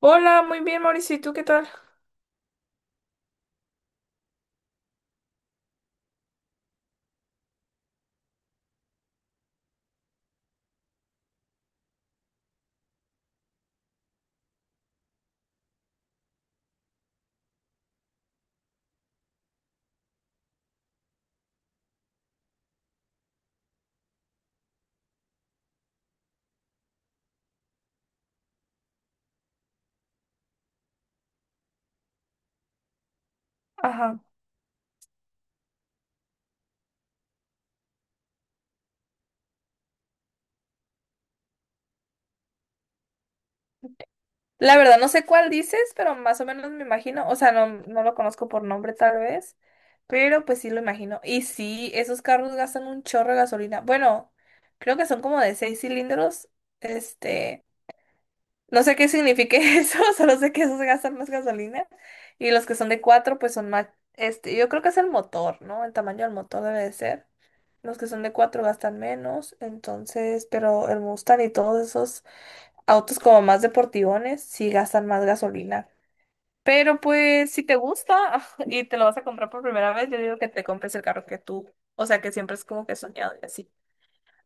Hola, muy bien, Mauricio. ¿Y tú qué tal? Ajá. La verdad, no sé cuál dices, pero más o menos me imagino. O sea, no, no lo conozco por nombre, tal vez. Pero pues sí lo imagino. Y sí, esos carros gastan un chorro de gasolina. Bueno, creo que son como de 6 cilindros. Este. No sé qué signifique eso. Solo sé que esos gastan más gasolina. Y los que son de cuatro, pues son más. Este, yo creo que es el motor, ¿no? El tamaño del motor debe de ser. Los que son de cuatro gastan menos. Entonces, pero el Mustang y todos esos autos como más deportivones sí gastan más gasolina. Pero pues si te gusta y te lo vas a comprar por primera vez, yo digo que te compres el carro que tú, o sea que siempre es como que soñado y así.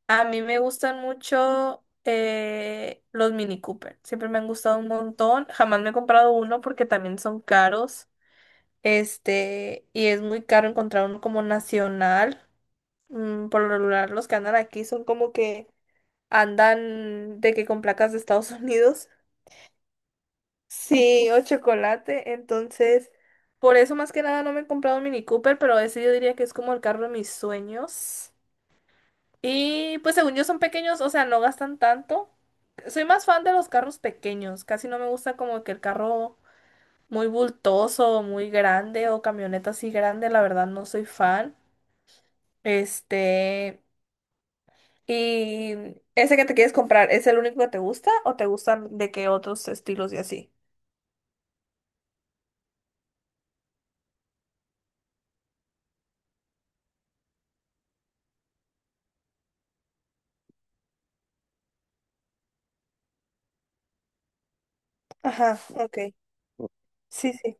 A mí me gustan mucho los Mini Cooper, siempre me han gustado un montón. Jamás me he comprado uno porque también son caros. Este, y es muy caro encontrar uno como nacional. Por lo regular los que andan aquí son como que andan de que con placas de Estados Unidos. Sí, o chocolate. Entonces, por eso más que nada no me he comprado un Mini Cooper, pero ese yo diría que es como el carro de mis sueños. Y pues según yo son pequeños, o sea, no gastan tanto. Soy más fan de los carros pequeños. Casi no me gusta como que el carro muy bultoso, muy grande o camioneta así grande. La verdad no soy fan. Este, ¿y ese que te quieres comprar, es el único que te gusta o te gustan de qué otros estilos y así? Ajá, ok. Sí, sí.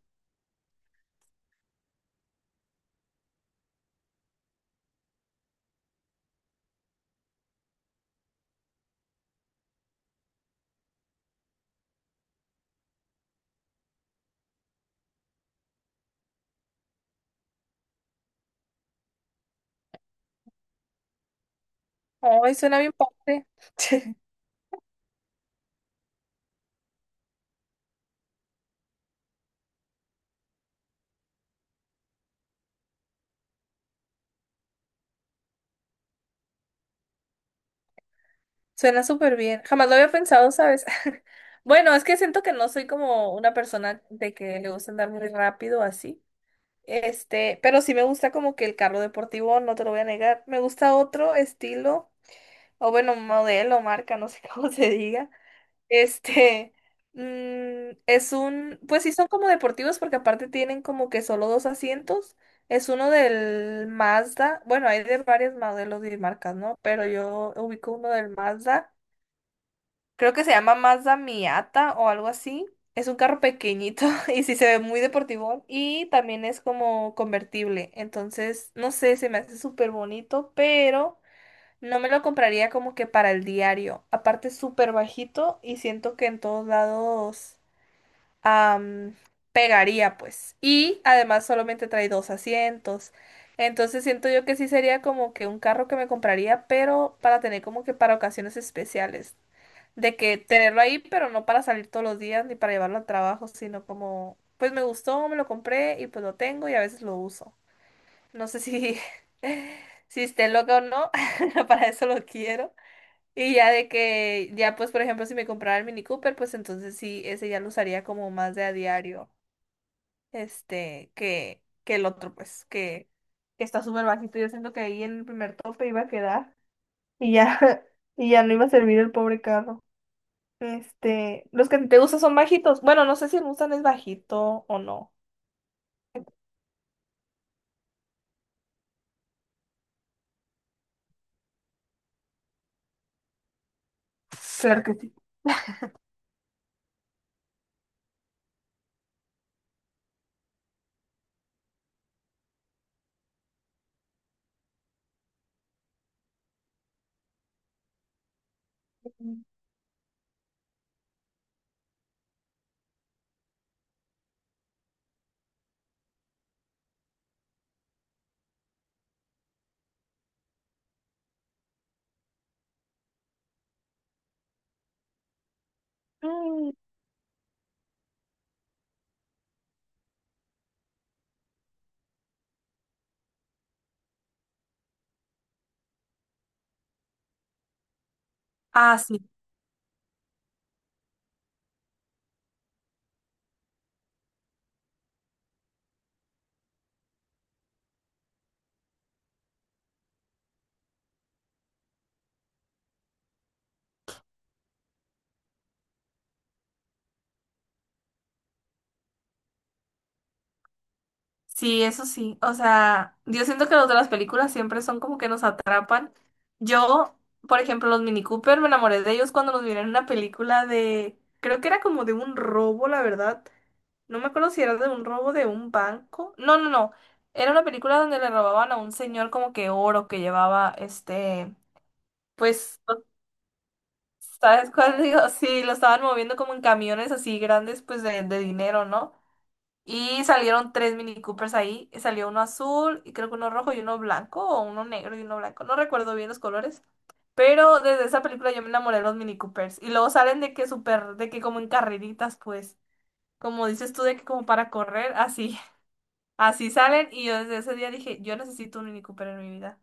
Ay, suena bien padre. Suena súper bien. Jamás lo había pensado, ¿sabes? Bueno, es que siento que no soy como una persona de que le gusta andar muy rápido así. Este, pero sí me gusta como que el carro deportivo, no te lo voy a negar. Me gusta otro estilo, o bueno, modelo, marca, no sé cómo se diga. Este, es pues sí son como deportivos porque aparte tienen como que solo dos asientos. Es uno del Mazda, bueno, hay de varios modelos y marcas, ¿no? Pero yo ubico uno del Mazda, creo que se llama Mazda Miata o algo así. Es un carro pequeñito y sí se ve muy deportivo y también es como convertible. Entonces, no sé, se me hace súper bonito, pero no me lo compraría como que para el diario. Aparte, es súper bajito y siento que en todos lados am, pegaría, pues. Y además solamente trae dos asientos. Entonces siento yo que sí sería como que un carro que me compraría, pero para tener como que para ocasiones especiales de que tenerlo ahí, pero no para salir todos los días ni para llevarlo al trabajo, sino como, pues me gustó, me lo compré y pues lo tengo y a veces lo uso. No sé si, si esté loca o no, para eso lo quiero. Y ya de que, ya pues por ejemplo, si me comprara el Mini Cooper, pues entonces sí, ese ya lo usaría como más de a diario, este, que el otro, pues, que está súper bajito. Yo siento que ahí en el primer tope iba a quedar y ya, y ya no iba a servir el pobre carro. Este, los que te gustan son bajitos. Bueno, no sé si el Mustang es bajito o no. Claro que sí. Mm. Ah, sí, sí, eso sí. O sea, yo siento que los de las películas siempre son como que nos atrapan. Yo, por ejemplo, los Mini Cooper, me enamoré de ellos cuando los vi en una película de, creo que era como de un robo, la verdad. No me acuerdo si era de un robo de un banco. No, no, no. Era una película donde le robaban a un señor como que oro que llevaba este, pues, ¿sabes cuál digo? Sí, lo estaban moviendo como en camiones así grandes, pues de dinero, ¿no? Y salieron tres Mini Coopers ahí. Y salió uno azul, y creo que uno rojo y uno blanco, o uno negro y uno blanco. No recuerdo bien los colores. Pero desde esa película yo me enamoré de los Mini Coopers. Y luego salen de que súper, de que como en carreritas, pues. Como dices tú, de que como para correr, así. Así salen. Y yo desde ese día dije, yo necesito un Mini Cooper en mi vida.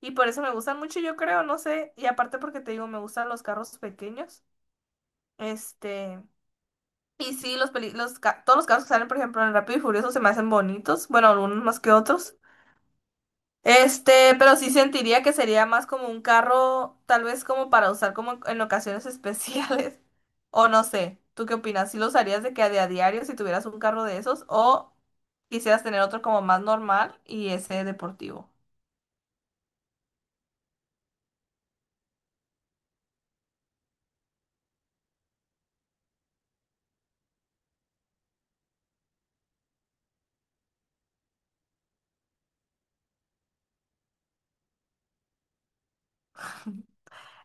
Y por eso me gustan mucho, yo creo, no sé. Y aparte porque te digo, me gustan los carros pequeños. Este. Y sí, los, peli- los ca- todos los casos que salen, por ejemplo, en Rápido y Furioso se me hacen bonitos. Bueno, algunos más que otros. Este, pero sí sentiría que sería más como un carro, tal vez como para usar como en ocasiones especiales. O no sé, ¿tú qué opinas? ¿Sí lo usarías de que de a diario si tuvieras un carro de esos? ¿O quisieras tener otro como más normal y ese deportivo?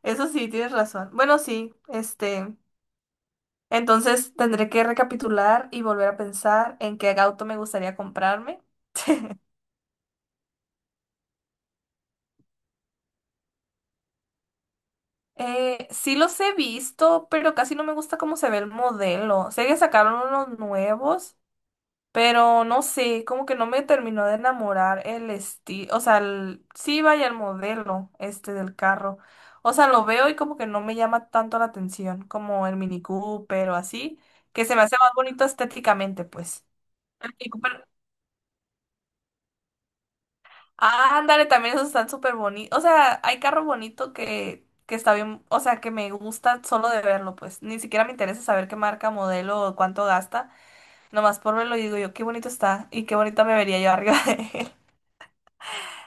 Eso sí, tienes razón. Bueno, sí, este, entonces tendré que recapitular y volver a pensar en qué auto me gustaría comprarme. Sí los he visto, pero casi no me gusta cómo se ve el modelo. Sé que sacaron unos nuevos, pero no sé, como que no me terminó de enamorar el estilo, o sea, sí vaya el modelo este del carro. O sea, lo veo y como que no me llama tanto la atención como el Mini Cooper o así, que se me hace más bonito estéticamente, pues. El Mini Cooper. Ah, ándale, también esos están súper bonitos. O sea, hay carro bonito que está bien, o sea, que me gusta solo de verlo, pues. Ni siquiera me interesa saber qué marca, modelo o cuánto gasta. Nomás por verlo y digo yo, qué bonito está y qué bonita me vería yo arriba de él.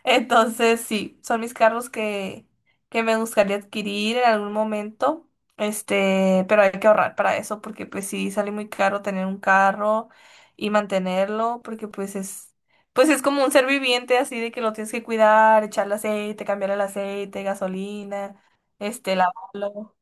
Entonces, sí, son mis carros que me gustaría adquirir en algún momento. Este, pero hay que ahorrar para eso porque pues sí sale muy caro tener un carro y mantenerlo porque pues es como un ser viviente así de que lo tienes que cuidar, echarle aceite, cambiar el aceite, gasolina, este, lavarlo.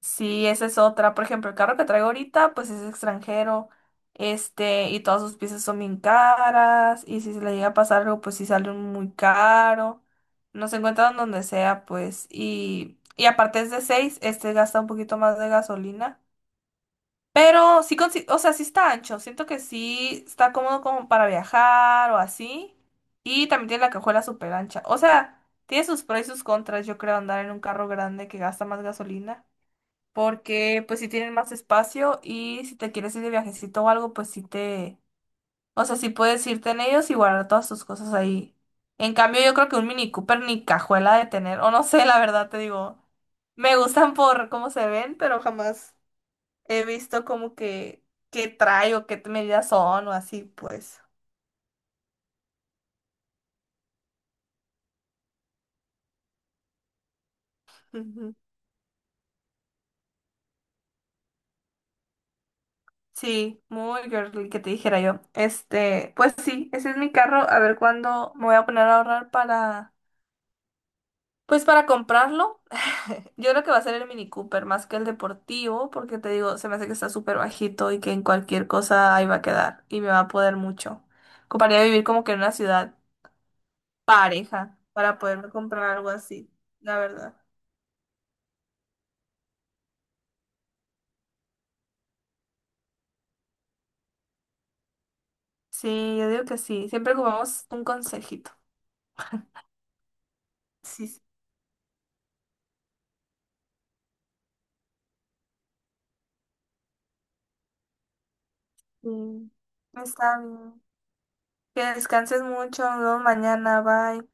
Sí, esa es otra. Por ejemplo, el carro que traigo ahorita, pues es extranjero. Este, y todas sus piezas son bien caras. Y si se le llega a pasar algo, pues sí sale muy caro. No se encuentran donde sea, pues. Y aparte es de seis, este gasta un poquito más de gasolina. Pero sí, o sea, sí está ancho. Siento que sí está cómodo como para viajar o así. Y también tiene la cajuela súper ancha. O sea, tiene sus pros y sus contras, yo creo, andar en un carro grande que gasta más gasolina porque pues si tienen más espacio y si te quieres ir de viajecito o algo, pues sí o sea, sí puedes irte en ellos y guardar todas tus cosas ahí. En cambio, yo creo que un Mini Cooper ni cajuela de tener, o no sé, la verdad te digo, me gustan por cómo se ven, pero jamás he visto como que qué trae o qué medidas son o así, pues. Ujú. Sí, muy girly que te dijera yo. Este, pues sí, ese es mi carro. A ver cuándo me voy a poner a ahorrar para pues para comprarlo, yo creo que va a ser el Mini Cooper más que el deportivo, porque te digo, se me hace que está súper bajito y que en cualquier cosa ahí va a quedar y me va a poder mucho. Ocuparía vivir como que en una ciudad pareja para poderme comprar algo así, la verdad. Sí, yo digo que sí. Siempre ocupamos un consejito. Sí, sí. Está bien. Que descanses mucho. Nos vemos mañana. Bye.